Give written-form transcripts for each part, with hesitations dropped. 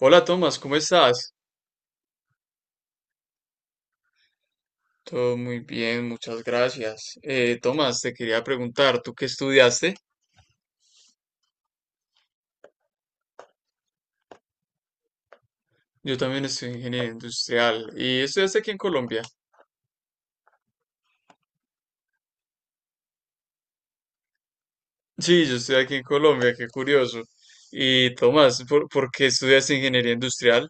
Hola Tomás, ¿cómo estás? Todo muy bien, muchas gracias. Tomás, te quería preguntar, ¿tú qué estudiaste? Yo también estoy ingeniería industrial y estudiaste aquí en Colombia. Sí, yo estoy aquí en Colombia, qué curioso. Y Tomás, ¿por qué estudiaste ingeniería industrial?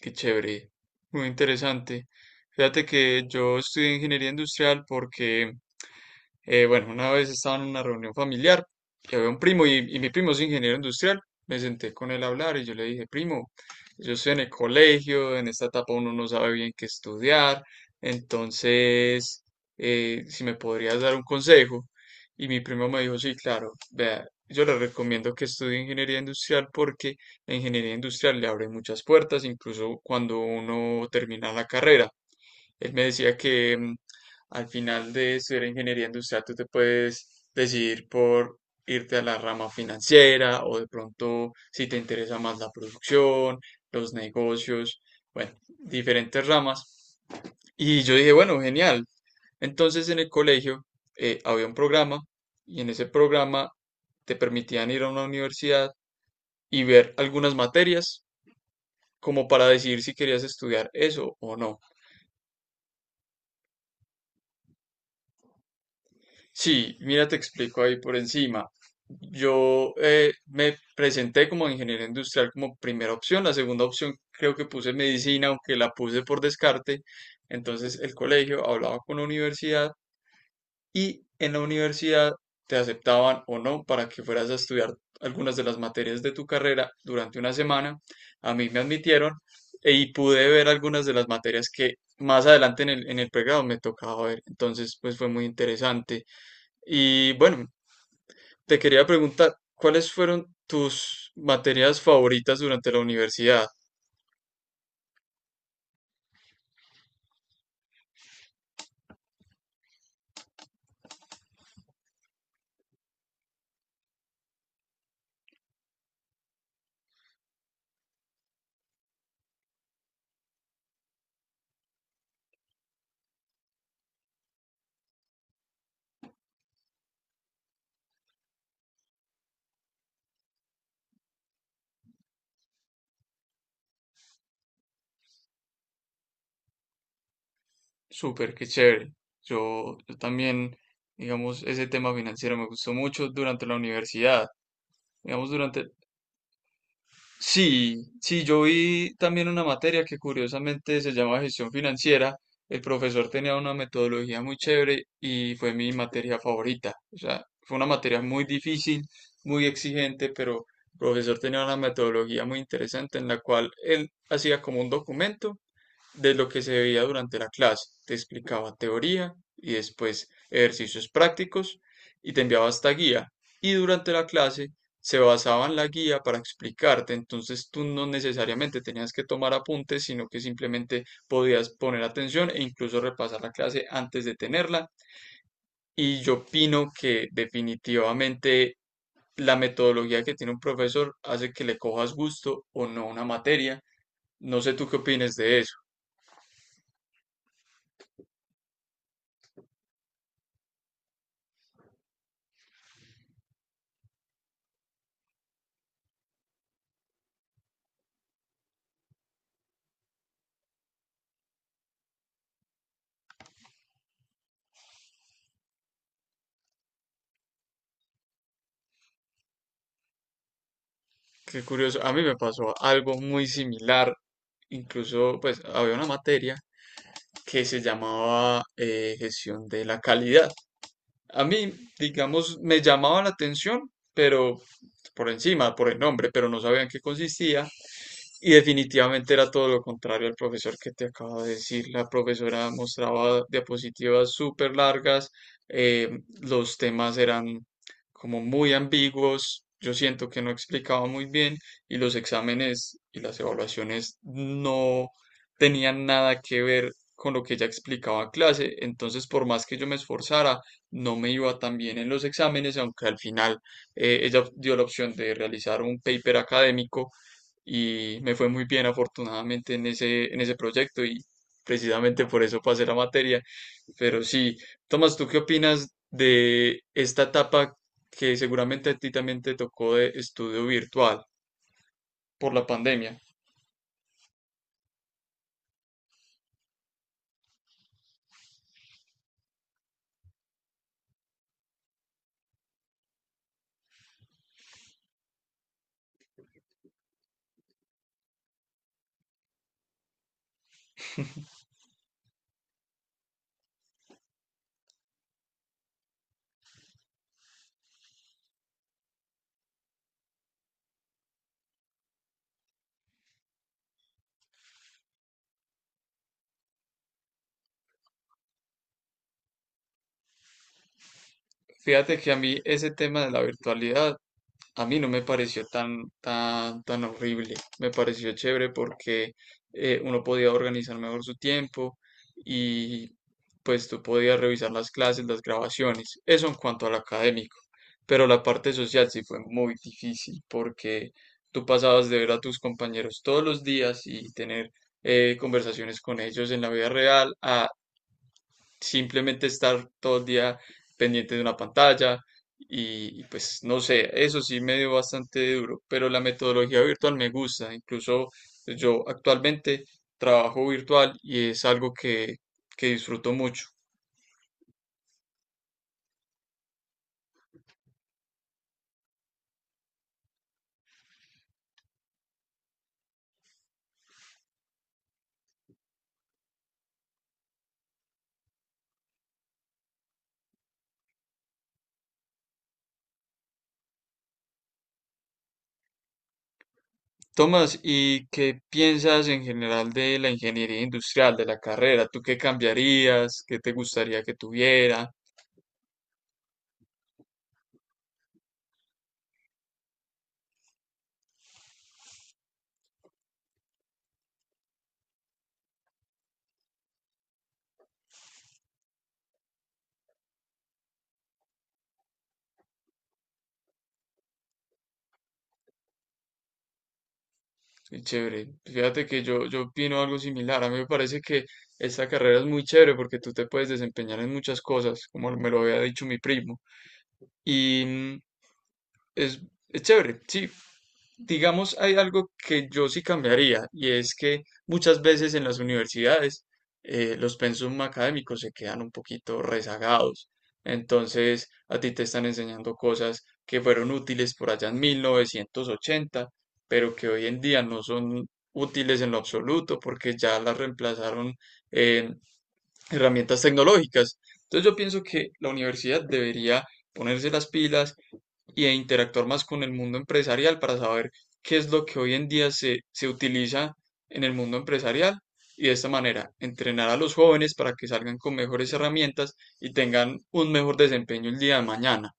Qué chévere, muy interesante. Fíjate que yo estudié ingeniería industrial porque bueno, una vez estaba en una reunión familiar que había un primo y mi primo es ingeniero industrial. Me senté con él a hablar y yo le dije, primo, yo estoy en el colegio, en esta etapa uno no sabe bien qué estudiar, entonces, si me podrías dar un consejo. Y mi primo me dijo, sí, claro, vea, yo le recomiendo que estudie ingeniería industrial porque la ingeniería industrial le abre muchas puertas, incluso cuando uno termina la carrera. Él me decía que al final de estudiar ingeniería industrial tú te puedes decidir por irte a la rama financiera o de pronto si te interesa más la producción, los negocios, bueno, diferentes ramas. Y yo dije, bueno, genial. Entonces en el colegio había un programa y en ese programa te permitían ir a una universidad y ver algunas materias como para decidir si querías estudiar eso o no. Sí, mira, te explico ahí por encima. Yo me presenté como ingeniero industrial como primera opción. La segunda opción creo que puse medicina, aunque la puse por descarte. Entonces el colegio hablaba con la universidad y en la universidad te aceptaban o no para que fueras a estudiar algunas de las materias de tu carrera durante una semana. A mí me admitieron y pude ver algunas de las materias que más adelante en el pregrado me tocaba ver. Entonces, pues fue muy interesante. Y bueno, te quería preguntar, ¿cuáles fueron tus materias favoritas durante la universidad? Súper, qué chévere. Yo también, digamos, ese tema financiero me gustó mucho durante la universidad. Digamos, durante Sí, yo vi también una materia que curiosamente se llama gestión financiera. El profesor tenía una metodología muy chévere y fue mi materia favorita. O sea, fue una materia muy difícil, muy exigente, pero el profesor tenía una metodología muy interesante en la cual él hacía como un documento de lo que se veía durante la clase. Te explicaba teoría y después ejercicios prácticos y te enviaba esta guía. Y durante la clase se basaba en la guía para explicarte, entonces tú no necesariamente tenías que tomar apuntes, sino que simplemente podías poner atención e incluso repasar la clase antes de tenerla. Y yo opino que definitivamente la metodología que tiene un profesor hace que le cojas gusto o no una materia. No sé tú qué opinas de eso. Qué curioso, a mí me pasó algo muy similar, incluso pues había una materia que se llamaba gestión de la calidad. A mí, digamos, me llamaba la atención, pero por encima, por el nombre, pero no sabía en qué consistía. Y definitivamente era todo lo contrario al profesor que te acabo de decir. La profesora mostraba diapositivas súper largas, eh, los temas eran como muy ambiguos, yo siento que no explicaba muy bien y los exámenes y las evaluaciones no tenían nada que ver con lo que ella explicaba en clase. Entonces, por más que yo me esforzara, no me iba tan bien en los exámenes, aunque al final ella dio la opción de realizar un paper académico y me fue muy bien afortunadamente en ese proyecto y precisamente por eso pasé la materia. Pero sí, Tomás, ¿tú qué opinas de esta etapa que seguramente a ti también te tocó de estudio virtual por la pandemia? Fíjate que a mí ese tema de la virtualidad, a mí no me pareció tan horrible. Me pareció chévere porque uno podía organizar mejor su tiempo y pues tú podías revisar las clases, las grabaciones. Eso en cuanto al académico. Pero la parte social sí fue muy difícil porque tú pasabas de ver a tus compañeros todos los días y tener conversaciones con ellos en la vida real a simplemente estar todo el día pendiente de una pantalla pues no sé, eso sí me dio bastante duro, pero la metodología virtual me gusta, incluso pues, yo actualmente trabajo virtual y es algo que disfruto mucho. Tomás, ¿y qué piensas en general de la ingeniería industrial, de la carrera? ¿Tú qué cambiarías? ¿Qué te gustaría que tuviera? Sí, chévere. Fíjate que yo opino algo similar. A mí me parece que esta carrera es muy chévere porque tú te puedes desempeñar en muchas cosas, como me lo había dicho mi primo. Y es, es chévere, sí. Digamos, hay algo que yo sí cambiaría y es que muchas veces en las universidades los pensum académicos se quedan un poquito rezagados. Entonces, a ti te están enseñando cosas que fueron útiles por allá en 1980, pero que hoy en día no son útiles en lo absoluto porque ya las reemplazaron eh, herramientas tecnológicas. Entonces, yo pienso que la universidad debería ponerse las pilas y de interactuar más con el mundo empresarial para saber qué es lo que hoy en día se utiliza en el mundo empresarial y de esta manera entrenar a los jóvenes para que salgan con mejores herramientas y tengan un mejor desempeño el día de mañana.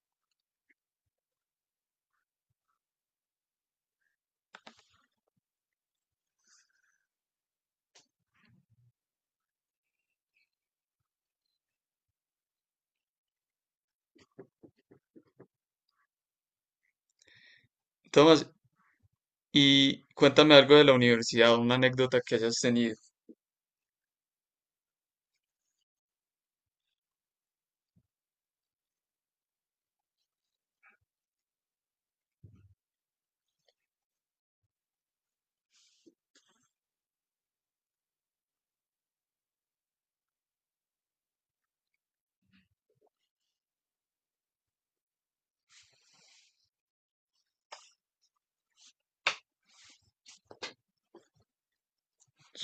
Tomás, y cuéntame algo de la universidad, una anécdota que hayas tenido.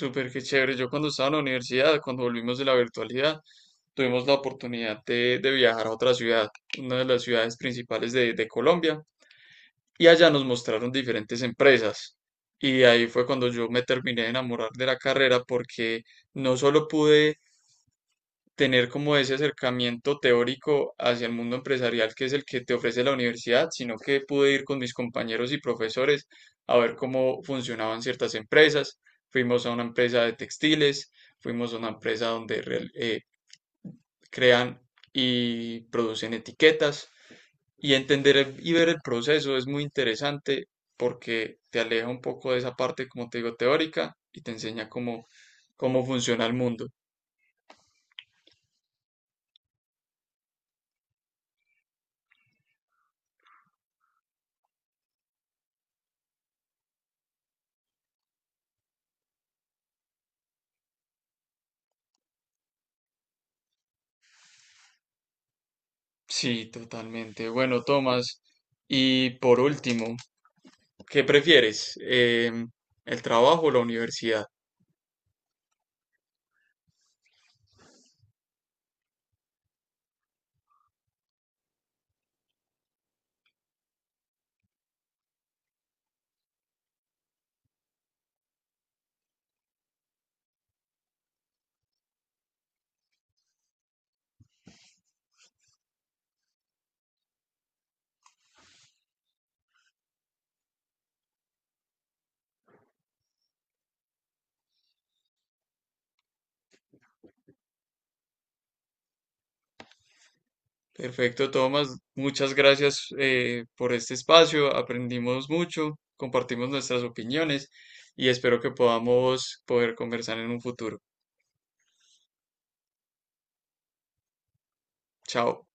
Súper que chévere. Yo cuando estaba en la universidad, cuando volvimos de la virtualidad, tuvimos la oportunidad de viajar a otra ciudad, una de las ciudades principales de Colombia, y allá nos mostraron diferentes empresas. Y ahí fue cuando yo me terminé de enamorar de la carrera porque no solo pude tener como ese acercamiento teórico hacia el mundo empresarial que es el que te ofrece la universidad, sino que pude ir con mis compañeros y profesores a ver cómo funcionaban ciertas empresas. Fuimos a una empresa de textiles, fuimos a una empresa donde crean y producen etiquetas. Y ver el proceso es muy interesante porque te aleja un poco de esa parte, como te digo, teórica y te enseña cómo funciona el mundo. Sí, totalmente. Bueno, Tomás, y por último, ¿qué prefieres? ¿El trabajo o la universidad? Perfecto, Tomás. Muchas gracias por este espacio. Aprendimos mucho, compartimos nuestras opiniones y espero que podamos poder conversar en un futuro. Chao.